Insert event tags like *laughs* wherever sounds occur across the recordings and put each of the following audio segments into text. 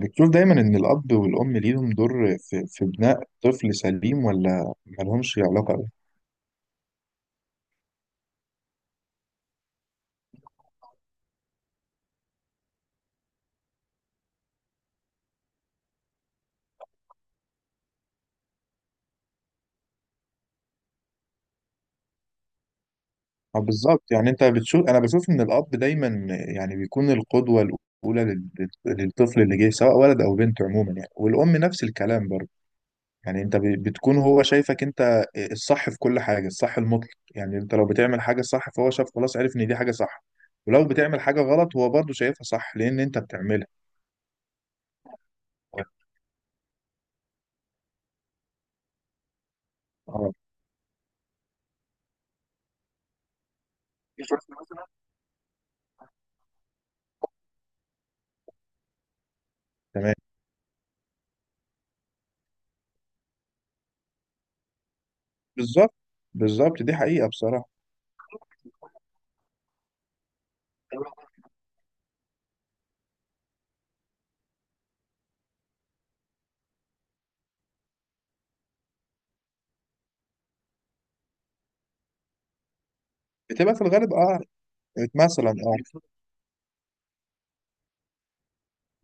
بتشوف دايما إن الأب والأم ليهم دور في بناء طفل سليم ولا ملهمش علاقة أوي؟ آه، بالظبط. يعني أنت بتشوف، أنا بشوف إن الأب دايما يعني بيكون القدوة الأولى للطفل اللي جاي، سواء ولد أو بنت، عموما يعني، والأم نفس الكلام برضه. يعني أنت بتكون هو شايفك أنت الصح في كل حاجة، الصح المطلق. يعني أنت لو بتعمل حاجة صح فهو شاف، خلاص، عرف إن دي حاجة صح. ولو بتعمل حاجة غلط هو برضه شايفها صح لأن أنت بتعملها. آه. تمام. بالظبط. بالظبط، دي حقيقة بصراحة. بتبقى في الغالب، اه. مثلا، اه.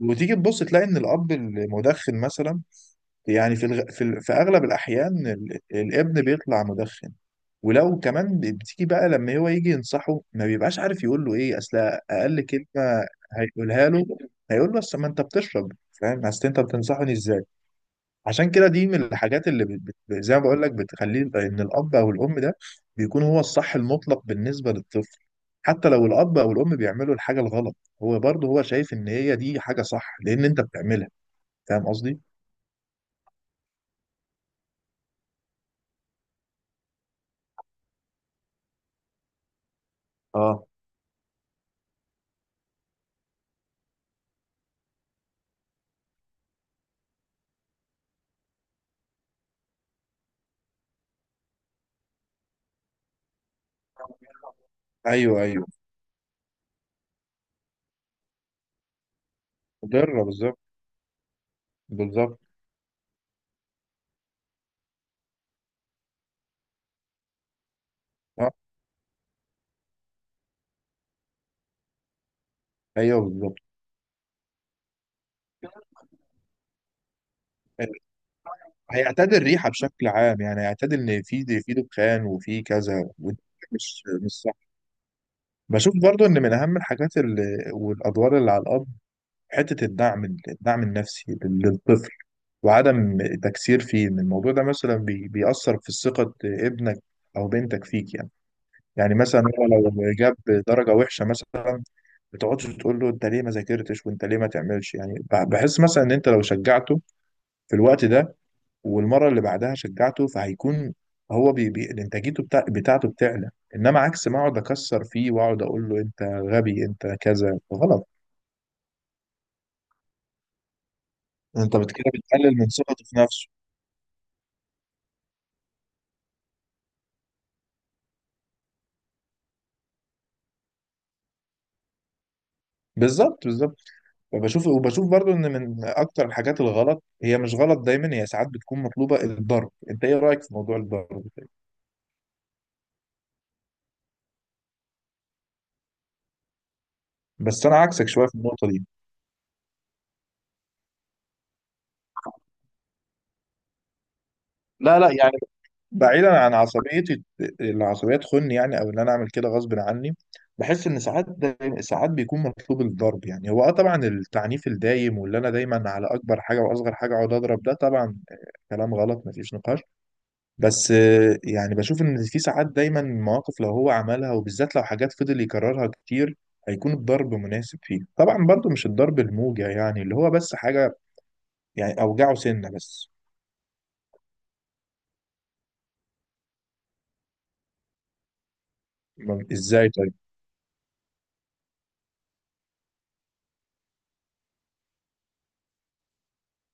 وتيجي تبص تلاقي ان الاب المدخن مثلا، يعني في اغلب الاحيان الابن بيطلع مدخن. ولو كمان بتيجي بقى لما هو يجي ينصحه ما بيبقاش عارف يقول له ايه. اصل اقل كلمة هيقولها له، هيقول له اصل ما انت بتشرب، فاهم؟ اصل انت بتنصحني ازاي؟ عشان كده دي من الحاجات اللي زي ما بقول لك، بتخليه ان الاب او الام ده بيكون هو الصح المطلق بالنسبه للطفل. حتى لو الاب او الام بيعملوا الحاجه الغلط، هو برضه شايف ان هي دي حاجه صح لان انت بتعملها. فاهم قصدي؟ اه. ايوه، ايوه، مضره بالظبط. بالظبط. اه. ايوه، بالظبط. آه، هيعتاد الريحه بشكل عام. يعني هيعتاد ان في دخان وفي كذا، ودي مش صح. بشوف برضو ان من اهم الحاجات اللي والادوار اللي على الاب، حتة الدعم النفسي للطفل وعدم تكسير فيه. إن الموضوع ده مثلا بيأثر في ثقة ابنك أو بنتك فيك، يعني. يعني مثلا هو لو جاب درجة وحشة مثلا، ما تقعدش تقول له انت ليه ما ذاكرتش وانت ليه ما تعملش. يعني بحس مثلا ان انت لو شجعته في الوقت ده والمره اللي بعدها شجعته، فهيكون هو بي بي انتاجيته بتاعته بتعلى. انما عكس، ما اقعد اكسر فيه واقعد اقول له انت غبي، انت كذا غلط، انت كده بتقلل من ثقته في نفسه. بالظبط، بالظبط. وبشوف برضو ان من اكتر الحاجات الغلط، هي مش غلط دايما، هي ساعات بتكون مطلوبه، الضرب. انت ايه رايك في موضوع الضرب ده؟ بس انا عكسك شويه في النقطه دي. لا، لا، يعني بعيدا عن عصبيتي، العصبيه تخني يعني او ان انا اعمل كده غصب عني، بحس ان ساعات دايما، ساعات بيكون مطلوب الضرب. يعني هو طبعا التعنيف الدايم واللي انا دايما على اكبر حاجه واصغر حاجه اقعد اضرب، ده طبعا كلام غلط، مفيش نقاش. بس يعني بشوف ان في ساعات دايما مواقف لو هو عملها، وبالذات لو حاجات فضل يكررها كتير، هيكون الضرب مناسب فيه. طبعا برضو مش الضرب الموجع، يعني اللي هو بس حاجة يعني اوجعه سنة بس. ازاي طيب؟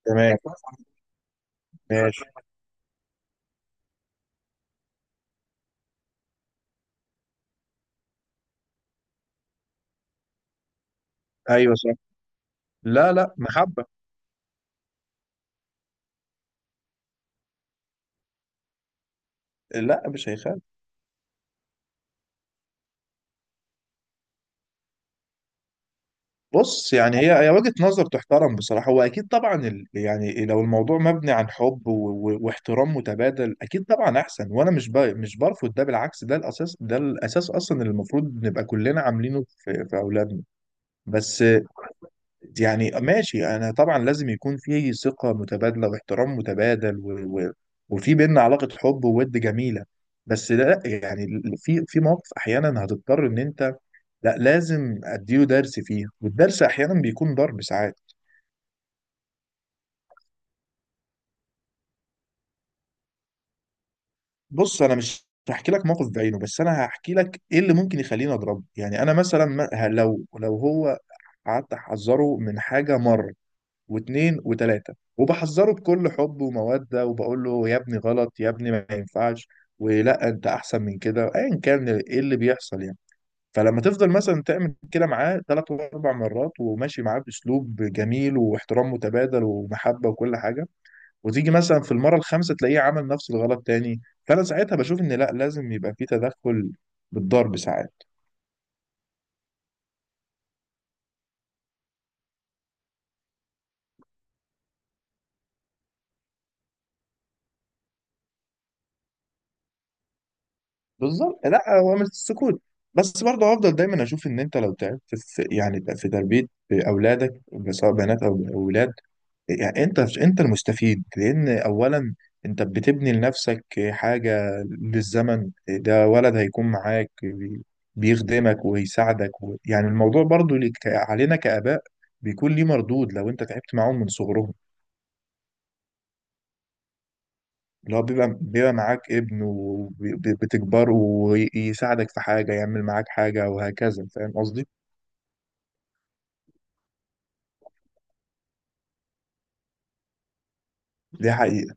تمام. ماشي. ايوه، صح. لا، لا، محبة. لا، مش هيخاف. بص، يعني هي وجهة نظر تحترم بصراحة. هو أكيد طبعا يعني لو الموضوع مبني عن حب واحترام متبادل، أكيد طبعا أحسن. وأنا مش برفض ده، بالعكس، ده الأساس، ده الأساس أصلا اللي المفروض نبقى كلنا عاملينه في أولادنا. بس يعني ماشي، أنا طبعا لازم يكون في ثقة متبادلة واحترام متبادل وفي بينا علاقة حب وود جميلة. بس لا، يعني في مواقف احيانا هتضطر ان انت، لا، لازم اديله درس فيها، والدرس احيانا بيكون ضرب ساعات. بص، انا مش هحكي لك موقف بعينه، بس انا هحكي لك ايه اللي ممكن يخليني اضربه. يعني انا مثلا لو هو قعدت احذره من حاجه مره واثنين وثلاثه، وبحذره بكل حب وموده، وبقول له يا ابني غلط، يا ابني ما ينفعش، ولا انت احسن من كده، ايا كان ايه اللي بيحصل يعني، فلما تفضل مثلا تعمل كده معاه ثلاث واربع مرات، وماشي معاه باسلوب جميل واحترام متبادل ومحبه وكل حاجه، وتيجي مثلا في المره الخامسه تلاقيه عمل نفس الغلط تاني، فانا ساعتها بشوف ان لا، لازم يبقى في تدخل بالضرب ساعات. بالظبط. لا، هو مش السكوت، بس برضه هفضل دايما اشوف ان انت لو تعبت في، يعني في تربيه اولادك، سواء بنات او اولاد، يعني انت المستفيد. لان اولا انت بتبني لنفسك حاجه للزمن، ده ولد هيكون معاك بيخدمك ويساعدك، يعني الموضوع برضو علينا كآباء بيكون ليه مردود لو انت تعبت معاهم من صغرهم، اللي هو بيبقى معاك ابن وبتكبره ويساعدك في حاجه، يعمل معاك حاجه وهكذا. فاهم قصدي؟ دي حقيقة.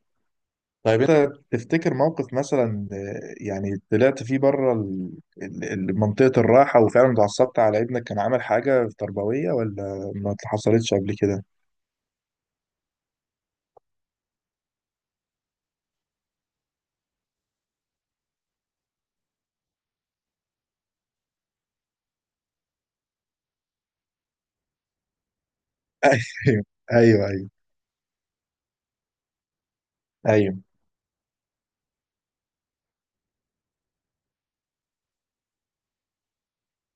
طيب انت تفتكر موقف مثلا، يعني طلعت فيه بره منطقة الراحة، وفعلا اتعصبت على ابنك كان عامل حاجة تربوية، ولا ما حصلتش قبل كده؟ *laughs* ايوه، ايوه، ايوه. ايوه.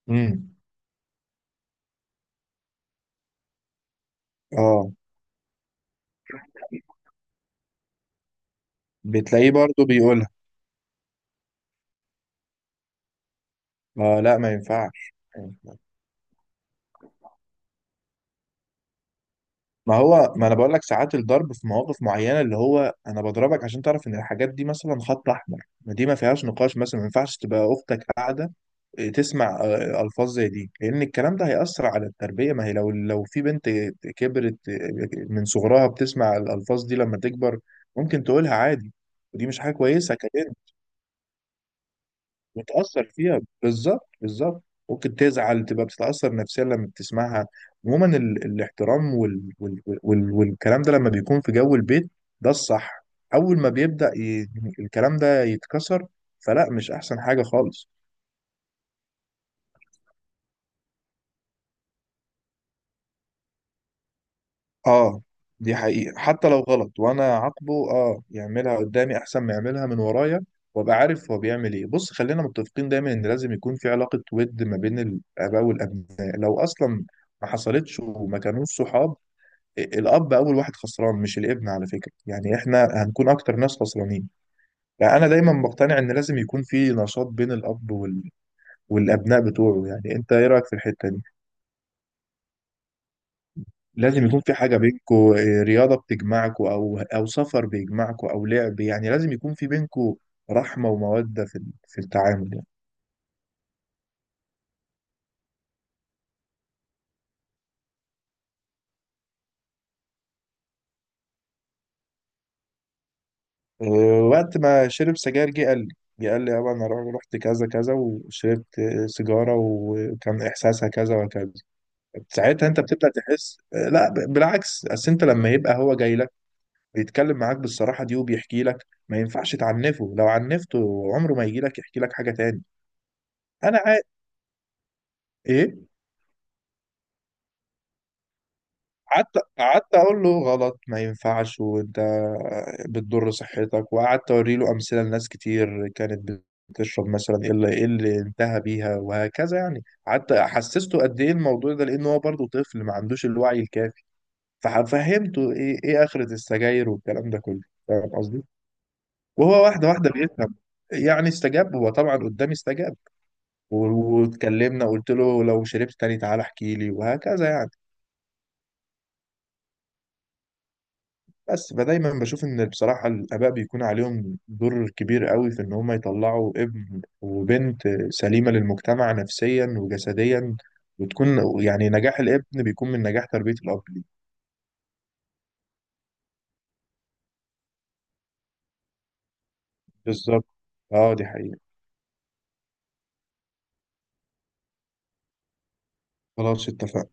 امم. اه. بتلاقيه برضه بيقولها. اه، لا، ما ينفعش. ما هو ما انا بقول لك ساعات الضرب في مواقف معينه، اللي هو انا بضربك عشان تعرف ان الحاجات دي مثلا خط احمر. ما دي ما فيهاش نقاش. مثلا ما ينفعش تبقى اختك قاعده تسمع الفاظ زي دي. لان الكلام ده هيأثر على التربيه. ما هي لو في بنت كبرت من صغرها بتسمع الالفاظ دي، لما تكبر ممكن تقولها عادي، ودي مش حاجه كويسه. متأثر فيها، بالظبط، بالظبط. ممكن تزعل، تبقى بتتأثر نفسيا لما بتسمعها. عموما الاحترام والكلام ده لما بيكون في جو البيت، ده الصح. أول ما بيبدأ الكلام ده يتكسر، فلا، مش أحسن حاجة خالص. اه، دي حقيقة. حتى لو غلط وانا عاقبه، يعملها قدامي احسن ما يعملها من ورايا، وابقى عارف هو بيعمل ايه. بص خلينا متفقين دايما ان لازم يكون في علاقة ود ما بين الاباء والابناء، لو اصلا ما حصلتش وما كانوش صحاب، الاب اول واحد خسران، مش الابن، على فكره. يعني احنا هنكون اكتر ناس خسرانين. فانا دايما بقتنع ان لازم يكون في نشاط بين الاب وال... والابناء بتوعه. يعني انت ايه رايك في الحته دي؟ لازم يكون في حاجه بينكو، رياضه بتجمعكو او سفر بيجمعكو او لعب. يعني لازم يكون في بينكو رحمه وموده في التعامل يعني. أه، وقت ما شرب سجاير جه قال لي يابا انا رحت كذا كذا وشربت سيجاره، وكان احساسها كذا وكذا. ساعتها انت بتبدا تحس، لا، بالعكس. اصل انت لما يبقى هو جاي لك بيتكلم معاك بالصراحه دي، وبيحكي لك، ما ينفعش تعنفه. لو عنفته عمره ما يجي لك يحكي لك حاجه تاني. انا عا... ايه؟ قعدت اقول له غلط، ما ينفعش، وانت بتضر صحتك، وقعدت اوري له امثله لناس كتير كانت بتشرب مثلا، ايه اللي انتهى بيها وهكذا. يعني قعدت حسسته قد ايه الموضوع ده، لان هو برضه طفل ما عندوش الوعي الكافي، ففهمته ايه اخرة السجاير والكلام ده كله. فاهم قصدي؟ وهو واحدة واحدة بيفهم، يعني استجاب. هو طبعا قدامي استجاب، واتكلمنا. قلت له لو شربت تاني تعالى احكي لي وهكذا يعني. بس فدايما بشوف ان بصراحة الآباء بيكون عليهم دور كبير قوي في ان هم يطلعوا ابن وبنت سليمة للمجتمع نفسيا وجسديا، وتكون، يعني نجاح الابن بيكون من نجاح تربية الأب ليه. بالظبط. اه، دي حقيقة. خلاص، اتفقنا.